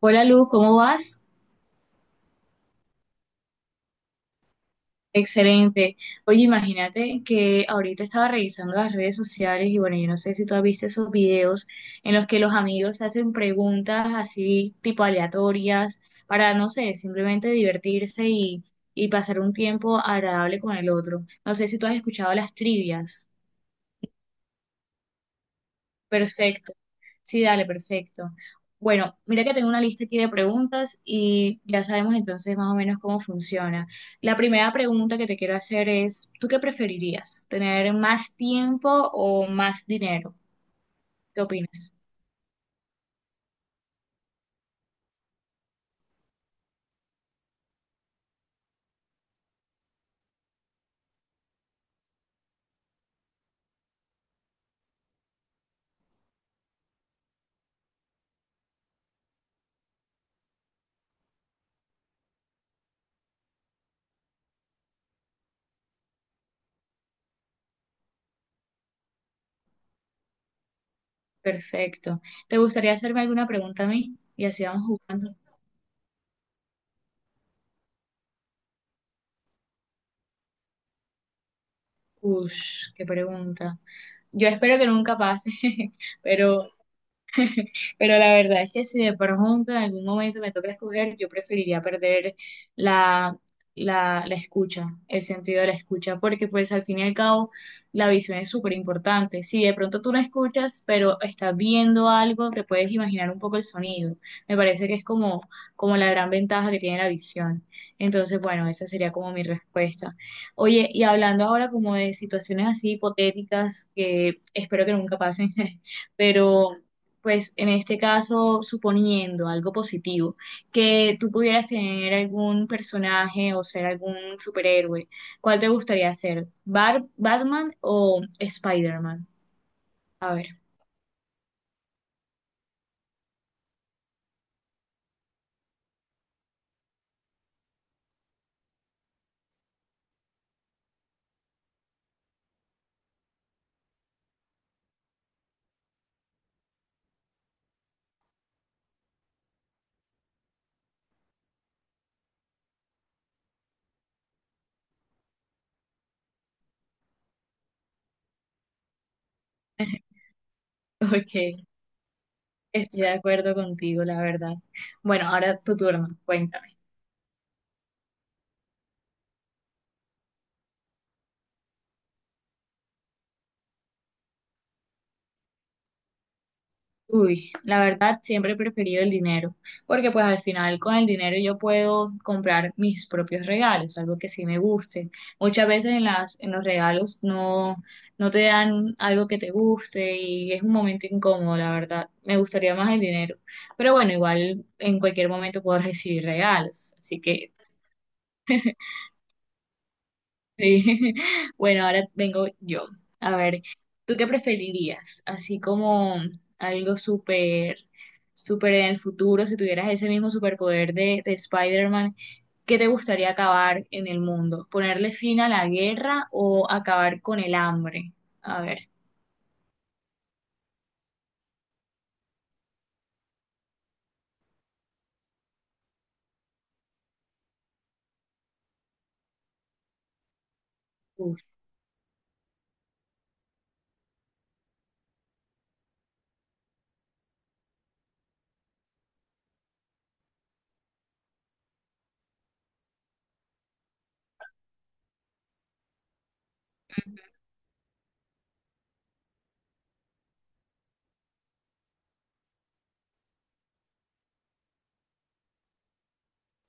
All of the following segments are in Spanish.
Hola Luz, ¿cómo vas? Excelente. Oye, imagínate que ahorita estaba revisando las redes sociales y bueno, yo no sé si tú has visto esos videos en los que los amigos hacen preguntas así tipo aleatorias para, no sé, simplemente divertirse y pasar un tiempo agradable con el otro. No sé si tú has escuchado las trivias. Perfecto. Sí, dale, perfecto. Bueno, mira que tengo una lista aquí de preguntas y ya sabemos entonces más o menos cómo funciona. La primera pregunta que te quiero hacer es, ¿tú qué preferirías? ¿Tener más tiempo o más dinero? ¿Qué opinas? Perfecto. ¿Te gustaría hacerme alguna pregunta a mí? Y así vamos jugando. Ush, qué pregunta. Yo espero que nunca pase, pero Pero la verdad es que si de pronto en algún momento me toca escoger, yo preferiría perder la, la escucha, el sentido de la escucha, porque pues al fin y al cabo la visión es súper importante. Si de pronto tú no escuchas, pero estás viendo algo, te puedes imaginar un poco el sonido. Me parece que es como la gran ventaja que tiene la visión. Entonces, bueno, esa sería como mi respuesta. Oye, y hablando ahora como de situaciones así hipotéticas que espero que nunca pasen, pero pues en este caso, suponiendo algo positivo, que tú pudieras tener algún personaje o ser algún superhéroe, ¿cuál te gustaría ser? ¿Batman o Spider-Man? A ver, ok, estoy de acuerdo contigo, la verdad. Bueno, ahora tu turno, cuéntame. Uy, la verdad siempre he preferido el dinero, porque pues al final con el dinero yo puedo comprar mis propios regalos, algo que sí me guste. Muchas veces en en los regalos no te dan algo que te guste y es un momento incómodo, la verdad. Me gustaría más el dinero, pero bueno, igual en cualquier momento puedo recibir regalos, así que sí. Bueno, ahora vengo yo. A ver, ¿tú qué preferirías? Así como algo súper en el futuro, si tuvieras ese mismo superpoder de Spider-Man, ¿qué te gustaría acabar en el mundo? ¿Ponerle fin a la guerra o acabar con el hambre? A ver. Uf.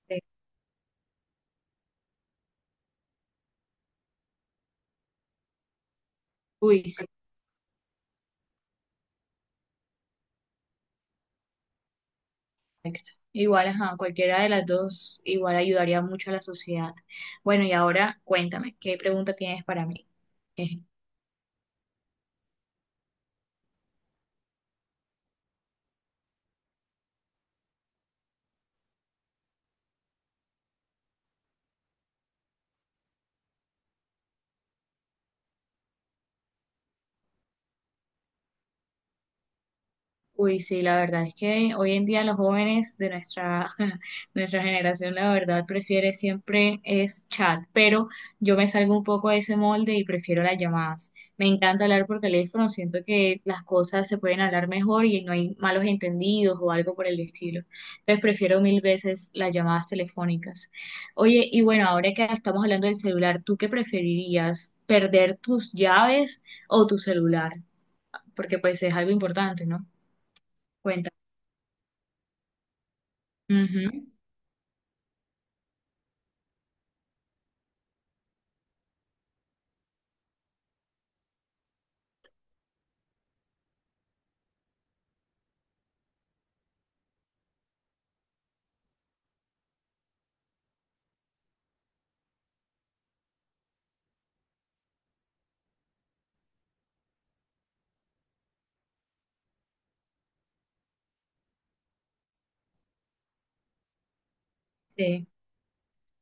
Sí. Uy, sí, perfecto. Igual, ajá, cualquiera de las dos igual ayudaría mucho a la sociedad. Bueno, y ahora cuéntame, ¿qué pregunta tienes para mí? Uy, sí, la verdad es que hoy en día los jóvenes de nuestra generación, la verdad, prefiere siempre es chat, pero yo me salgo un poco de ese molde y prefiero las llamadas. Me encanta hablar por teléfono, siento que las cosas se pueden hablar mejor y no hay malos entendidos o algo por el estilo. Entonces prefiero mil veces las llamadas telefónicas. Oye, y bueno, ahora que estamos hablando del celular, ¿tú qué preferirías? ¿Perder tus llaves o tu celular? Porque pues es algo importante, ¿no? Cuéntame. Ujú. Sí,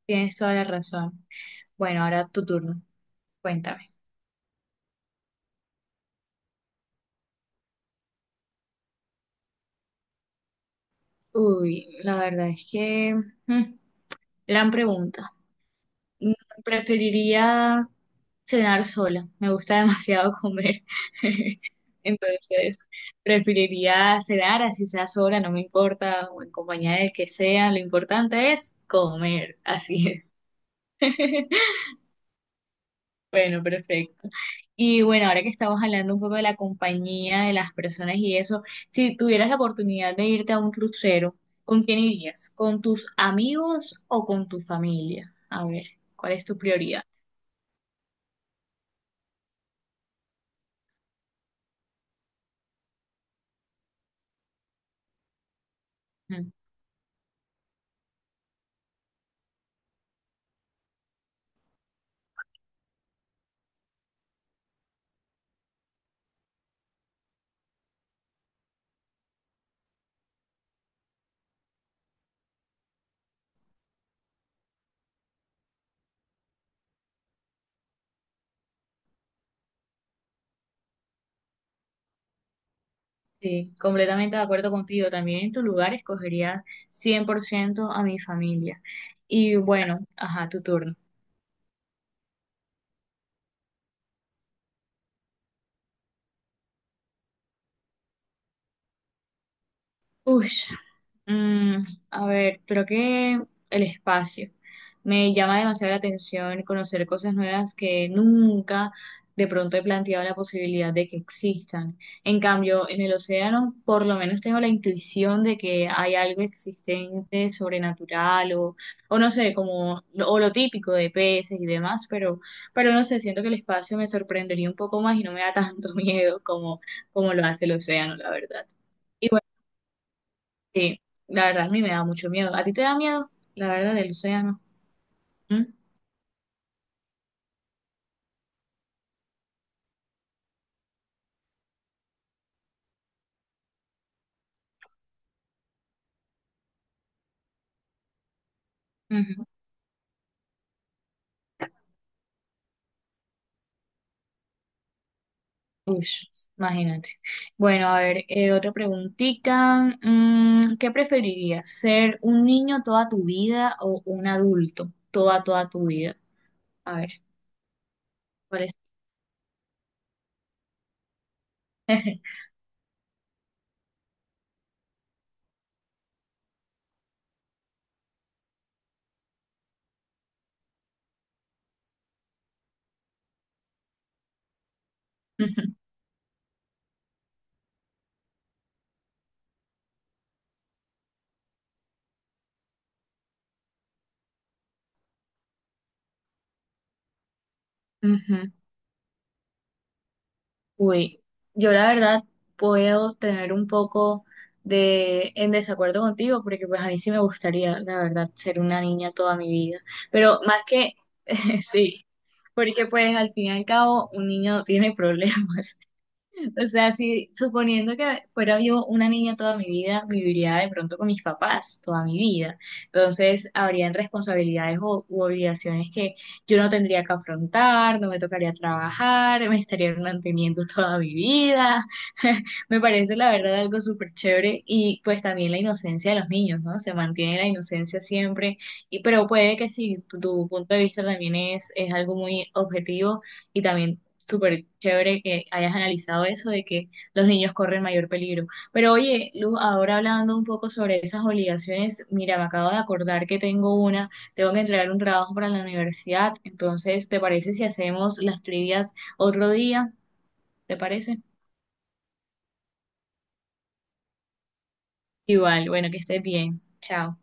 tienes toda la razón. Bueno, ahora tu turno. Cuéntame. Uy, la verdad es que mm, gran pregunta. Mm, Preferiría cenar sola. Me gusta demasiado comer. Entonces, preferiría cenar así sea sola, no me importa, o en compañía del que sea. Lo importante es comer. Así es. Bueno, perfecto. Y bueno, ahora que estamos hablando un poco de la compañía, de las personas y eso, si tuvieras la oportunidad de irte a un crucero, ¿con quién irías? ¿Con tus amigos o con tu familia? A ver, ¿cuál es tu prioridad? Ujú. Sí, completamente de acuerdo contigo. También en tu lugar escogería 100% a mi familia. Y bueno, ajá, tu turno. Uy, Mm, a ver, creo que el espacio. Me llama demasiado la atención conocer cosas nuevas que nunca de pronto he planteado la posibilidad de que existan. En cambio, en el océano, por lo menos tengo la intuición de que hay algo existente, o no sé, como o lo típico de peces y demás, pero no sé, siento que el espacio me sorprendería un poco más y no me da tanto miedo como lo hace el océano, la verdad. Sí, la verdad a mí me da mucho miedo. ¿A ti te da miedo? La verdad del océano. ¿Mm? Ujú. Uy, imagínate. Bueno, a ver, otra preguntita. ¿Qué preferirías? ¿Ser un niño toda tu vida o un adulto toda tu vida? A ver, ¿cuál es? Ujú, ujú. Uy, yo la verdad puedo tener un poco de en desacuerdo contigo porque pues a mí sí me gustaría, la verdad, ser una niña toda mi vida. Pero más que, sí, porque pues al fin y al cabo un niño no tiene problemas. O sea, si suponiendo que fuera yo una niña toda mi vida, viviría de pronto con mis papás toda mi vida. Entonces, habrían responsabilidades o, u obligaciones que yo no tendría que afrontar, no me tocaría trabajar, me estarían manteniendo toda mi vida. Me parece, la verdad, algo súper chévere. Y pues también la inocencia de los niños, ¿no? Se mantiene la inocencia siempre. Y, pero puede que si tu punto de vista también es algo muy objetivo y también súper chévere que hayas analizado eso de que los niños corren mayor peligro. Pero oye, Luz, ahora hablando un poco sobre esas obligaciones, mira, me acabo de acordar que tengo tengo que entregar un trabajo para la universidad, entonces, ¿te parece si hacemos las trivias otro día? ¿Te parece? Igual, bueno, que estés bien. Chao.